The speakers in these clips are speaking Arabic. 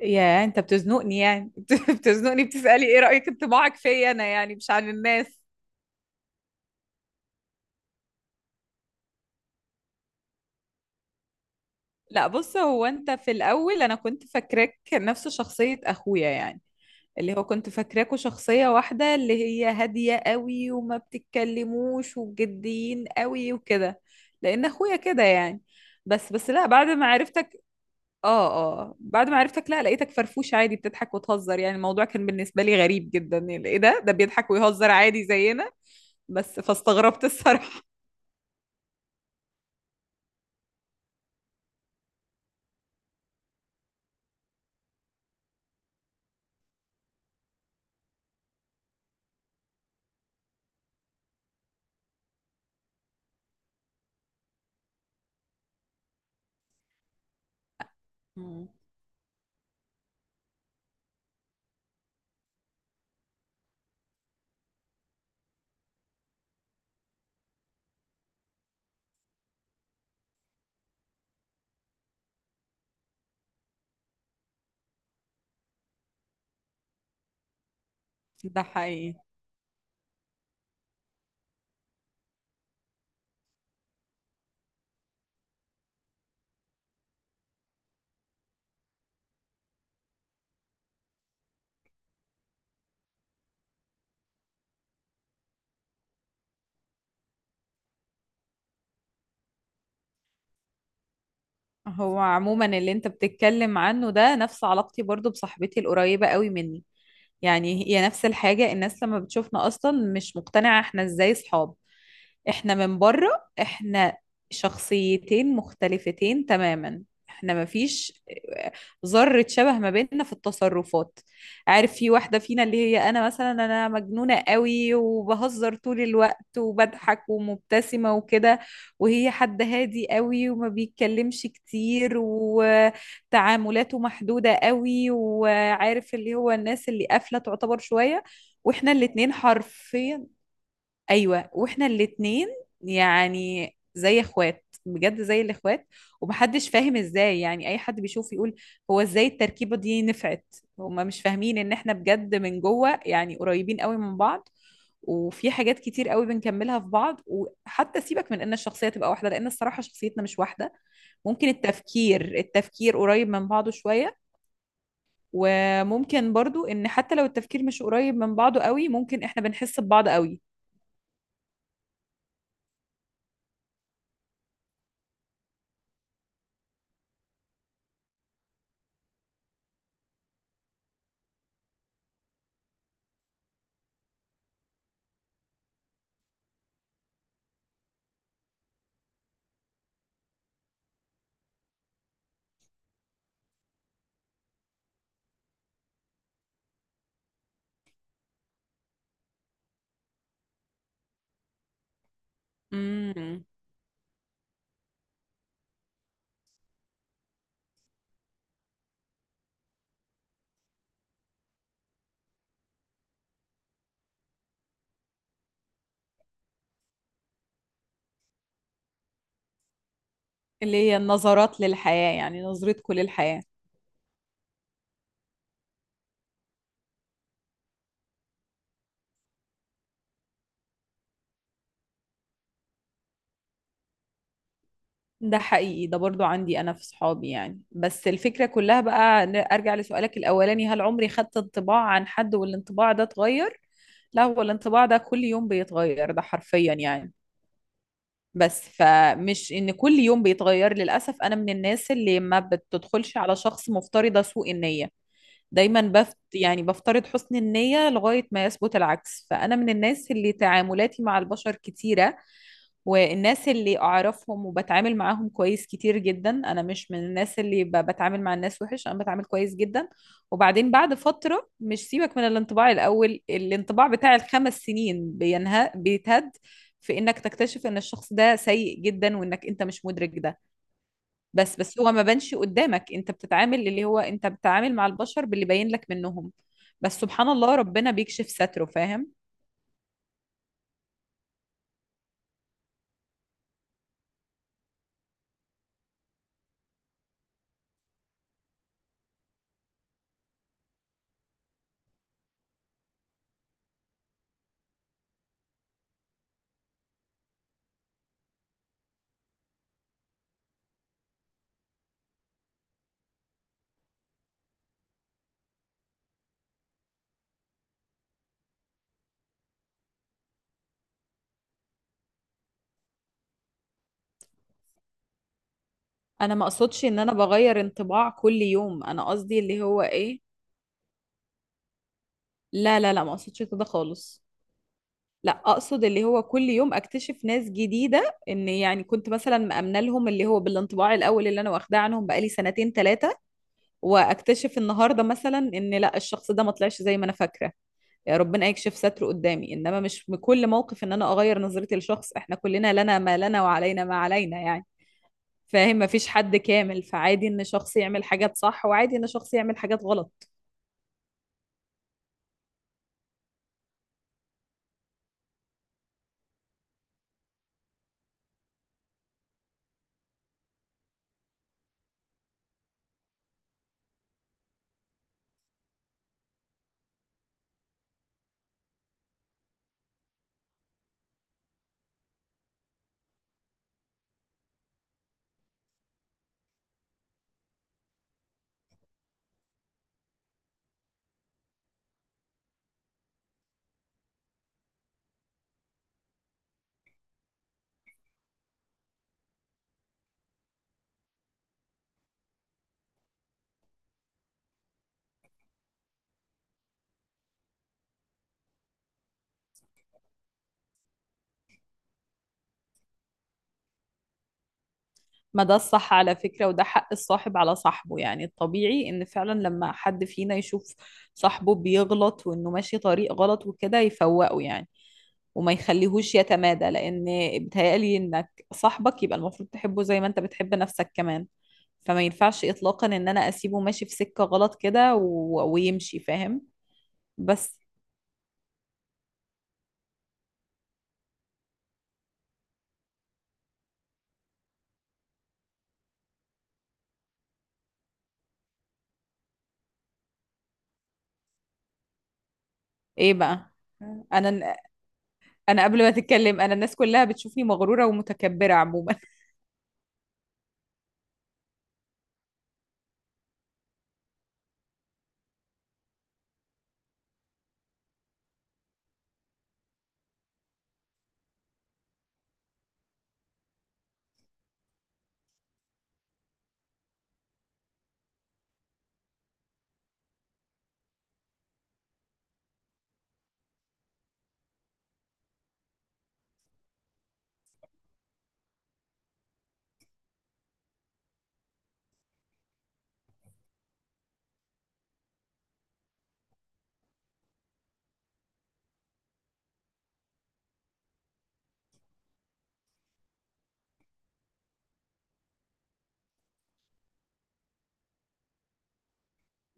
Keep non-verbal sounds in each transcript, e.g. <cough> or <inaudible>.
يا انت بتزنقني يعني <laughs> بتزنقني، بتسألي ايه رأيك انطباعك فيا انا يعني مش عن الناس. لا بص، هو انت في الاول انا كنت فاكراك نفس شخصية اخويا يعني، اللي هو كنت فاكراكوا شخصية واحدة، اللي هي هادية قوي وما بتتكلموش وجديين قوي وكده، لان اخويا كده يعني. بس لا، بعد ما عرفتك، اه، اه بعد ما عرفتك لا لقيتك فرفوش عادي، بتضحك وتهزر. يعني الموضوع كان بالنسبة لي غريب جدا، يعني ايه ده بيضحك ويهزر عادي زينا. بس فاستغربت الصراحة. مم. ده حقيقي. هو عموما اللي انت بتتكلم عنه ده نفس علاقتي برضو بصاحبتي القريبة قوي مني. يعني هي نفس الحاجة، الناس لما بتشوفنا أصلا مش مقتنعة احنا ازاي صحاب. احنا من بره احنا شخصيتين مختلفتين تماما. احنا مفيش ذرة شبه ما بيننا في التصرفات. عارف، في واحدة فينا اللي هي انا مثلا، انا مجنونة قوي وبهزر طول الوقت وبضحك ومبتسمة وكده، وهي حد هادي قوي وما بيتكلمش كتير وتعاملاته محدودة قوي، وعارف اللي هو الناس اللي قافلة تعتبر شوية. واحنا الاتنين حرفيا، ايوه واحنا الاتنين يعني زي اخوات بجد، زي الاخوات. ومحدش فاهم ازاي، يعني اي حد بيشوف يقول هو ازاي التركيبه دي نفعت؟ هما مش فاهمين ان احنا بجد من جوه يعني قريبين قوي من بعض، وفي حاجات كتير قوي بنكملها في بعض. وحتى سيبك من ان الشخصيه تبقى واحده، لان الصراحه شخصيتنا مش واحده. ممكن التفكير قريب من بعضه شويه، وممكن برضو ان حتى لو التفكير مش قريب من بعضه قوي، ممكن احنا بنحس ببعض قوي. اللي هي النظرات للحياة، يعني نظرتكم للحياة. ده حقيقي، ده برضو عندي أنا في صحابي يعني. بس الفكرة كلها بقى، أرجع لسؤالك الأولاني، هل عمري خدت انطباع عن حد والانطباع ده اتغير؟ لا، هو الانطباع ده كل يوم بيتغير، ده حرفيا يعني. بس فمش إن كل يوم بيتغير. للأسف أنا من الناس اللي ما بتدخلش على شخص مفترضة سوء النية. دايما بفترض حسن النية لغاية ما يثبت العكس. فأنا من الناس اللي تعاملاتي مع البشر كتيرة، والناس اللي اعرفهم وبتعامل معاهم كويس كتير جدا. انا مش من الناس اللي بتعامل مع الناس وحش، انا بتعامل كويس جدا. وبعدين بعد فترة، مش سيبك من الانطباع الاول، الانطباع بتاع الخمس سنين بينهى بيتهد، في انك تكتشف ان الشخص ده سيء جدا وانك انت مش مدرك ده. بس هو ما بانش قدامك. انت بتتعامل اللي هو انت بتتعامل مع البشر باللي باين لك منهم. بس سبحان الله ربنا بيكشف ستره، فاهم. انا ما اقصدش ان انا بغير انطباع كل يوم، انا قصدي اللي هو ايه، لا ما اقصدش كده خالص. لا اقصد اللي هو كل يوم اكتشف ناس جديده، ان يعني كنت مثلا مأمنه لهم اللي هو بالانطباع الاول اللي انا واخداه عنهم بقالي سنتين ثلاثه، واكتشف النهارده مثلا ان لا، الشخص ده ما طلعش زي ما انا فاكره. يا ربنا يكشف ستره قدامي. انما مش بكل موقف ان انا اغير نظرتي لشخص، احنا كلنا لنا ما لنا وعلينا ما علينا يعني. فاهم، مفيش حد كامل. فعادي ان شخص يعمل حاجات صح، وعادي ان شخص يعمل حاجات غلط. ما ده الصح على فكرة، وده حق الصاحب على صاحبه يعني. الطبيعي ان فعلا لما حد فينا يشوف صاحبه بيغلط وانه ماشي طريق غلط وكده يفوقه يعني، وما يخليهوش يتمادى، لان بيتهيألي انك صاحبك يبقى المفروض تحبه زي ما انت بتحب نفسك كمان. فما ينفعش اطلاقا ان انا اسيبه ماشي في سكة غلط كده ويمشي، فاهم. بس ايه بقى، انا انا قبل ما تتكلم، انا الناس كلها بتشوفني مغرورة ومتكبرة عموما.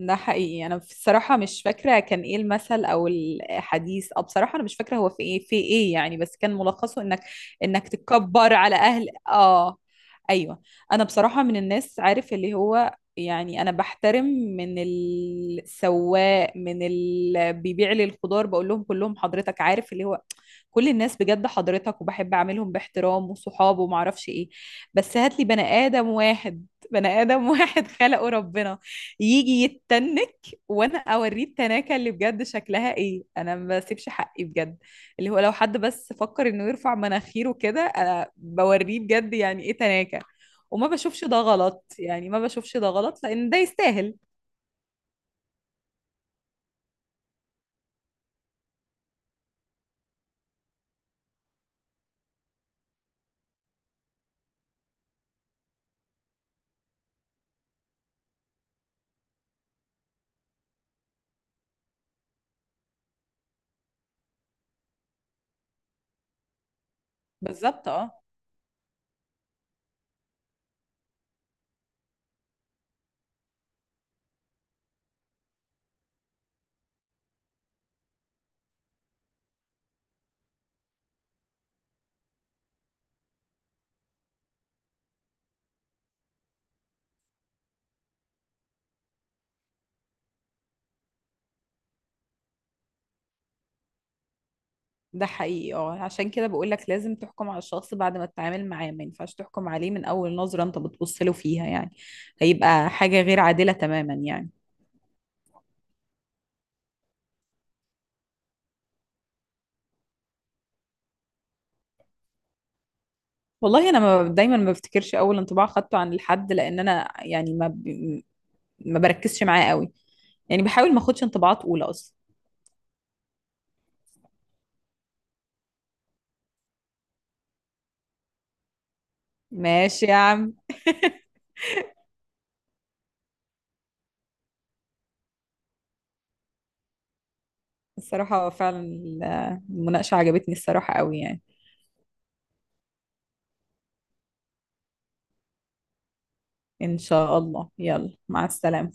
ده حقيقي. انا بصراحه مش فاكره كان ايه المثل او الحديث، او بصراحه انا مش فاكره هو في ايه، يعني، بس كان ملخصه انك انك تتكبر على اهل، اه، ايوه. انا بصراحه من الناس عارف اللي هو، يعني انا بحترم من السواق، من اللي بيبيع لي الخضار، بقول لهم كلهم حضرتك، عارف اللي هو كل الناس بجد حضرتك، وبحب اعملهم باحترام وصحاب وما اعرفش ايه. بس هات لي بني ادم واحد، بني ادم <laughs> واحد خلقه ربنا يجي يتنك، وانا اوريه التناكه اللي بجد شكلها ايه. انا ما بسيبش حقي بجد، اللي هو لو حد بس فكر انه يرفع مناخيره كده انا بوريه بجد يعني ايه تناكه. وما بشوفش ده غلط، يعني ما بشوفش ده غلط لان ده يستاهل. بالظبط اه. ده حقيقي اه، عشان كده بقول لك لازم تحكم على الشخص بعد ما تتعامل معاه. ما ينفعش تحكم عليه من اول نظرة انت بتبص له فيها يعني، هيبقى حاجة غير عادلة تماما يعني. والله انا ما دايما ما بفتكرش اول انطباع خدته عن الحد، لان انا يعني ما بركزش معاه قوي، يعني بحاول ما اخدش انطباعات اولى اصلا. ماشي يا عم. الصراحة فعلا المناقشة عجبتني الصراحة قوي يعني. ان شاء الله، يلا مع السلامة.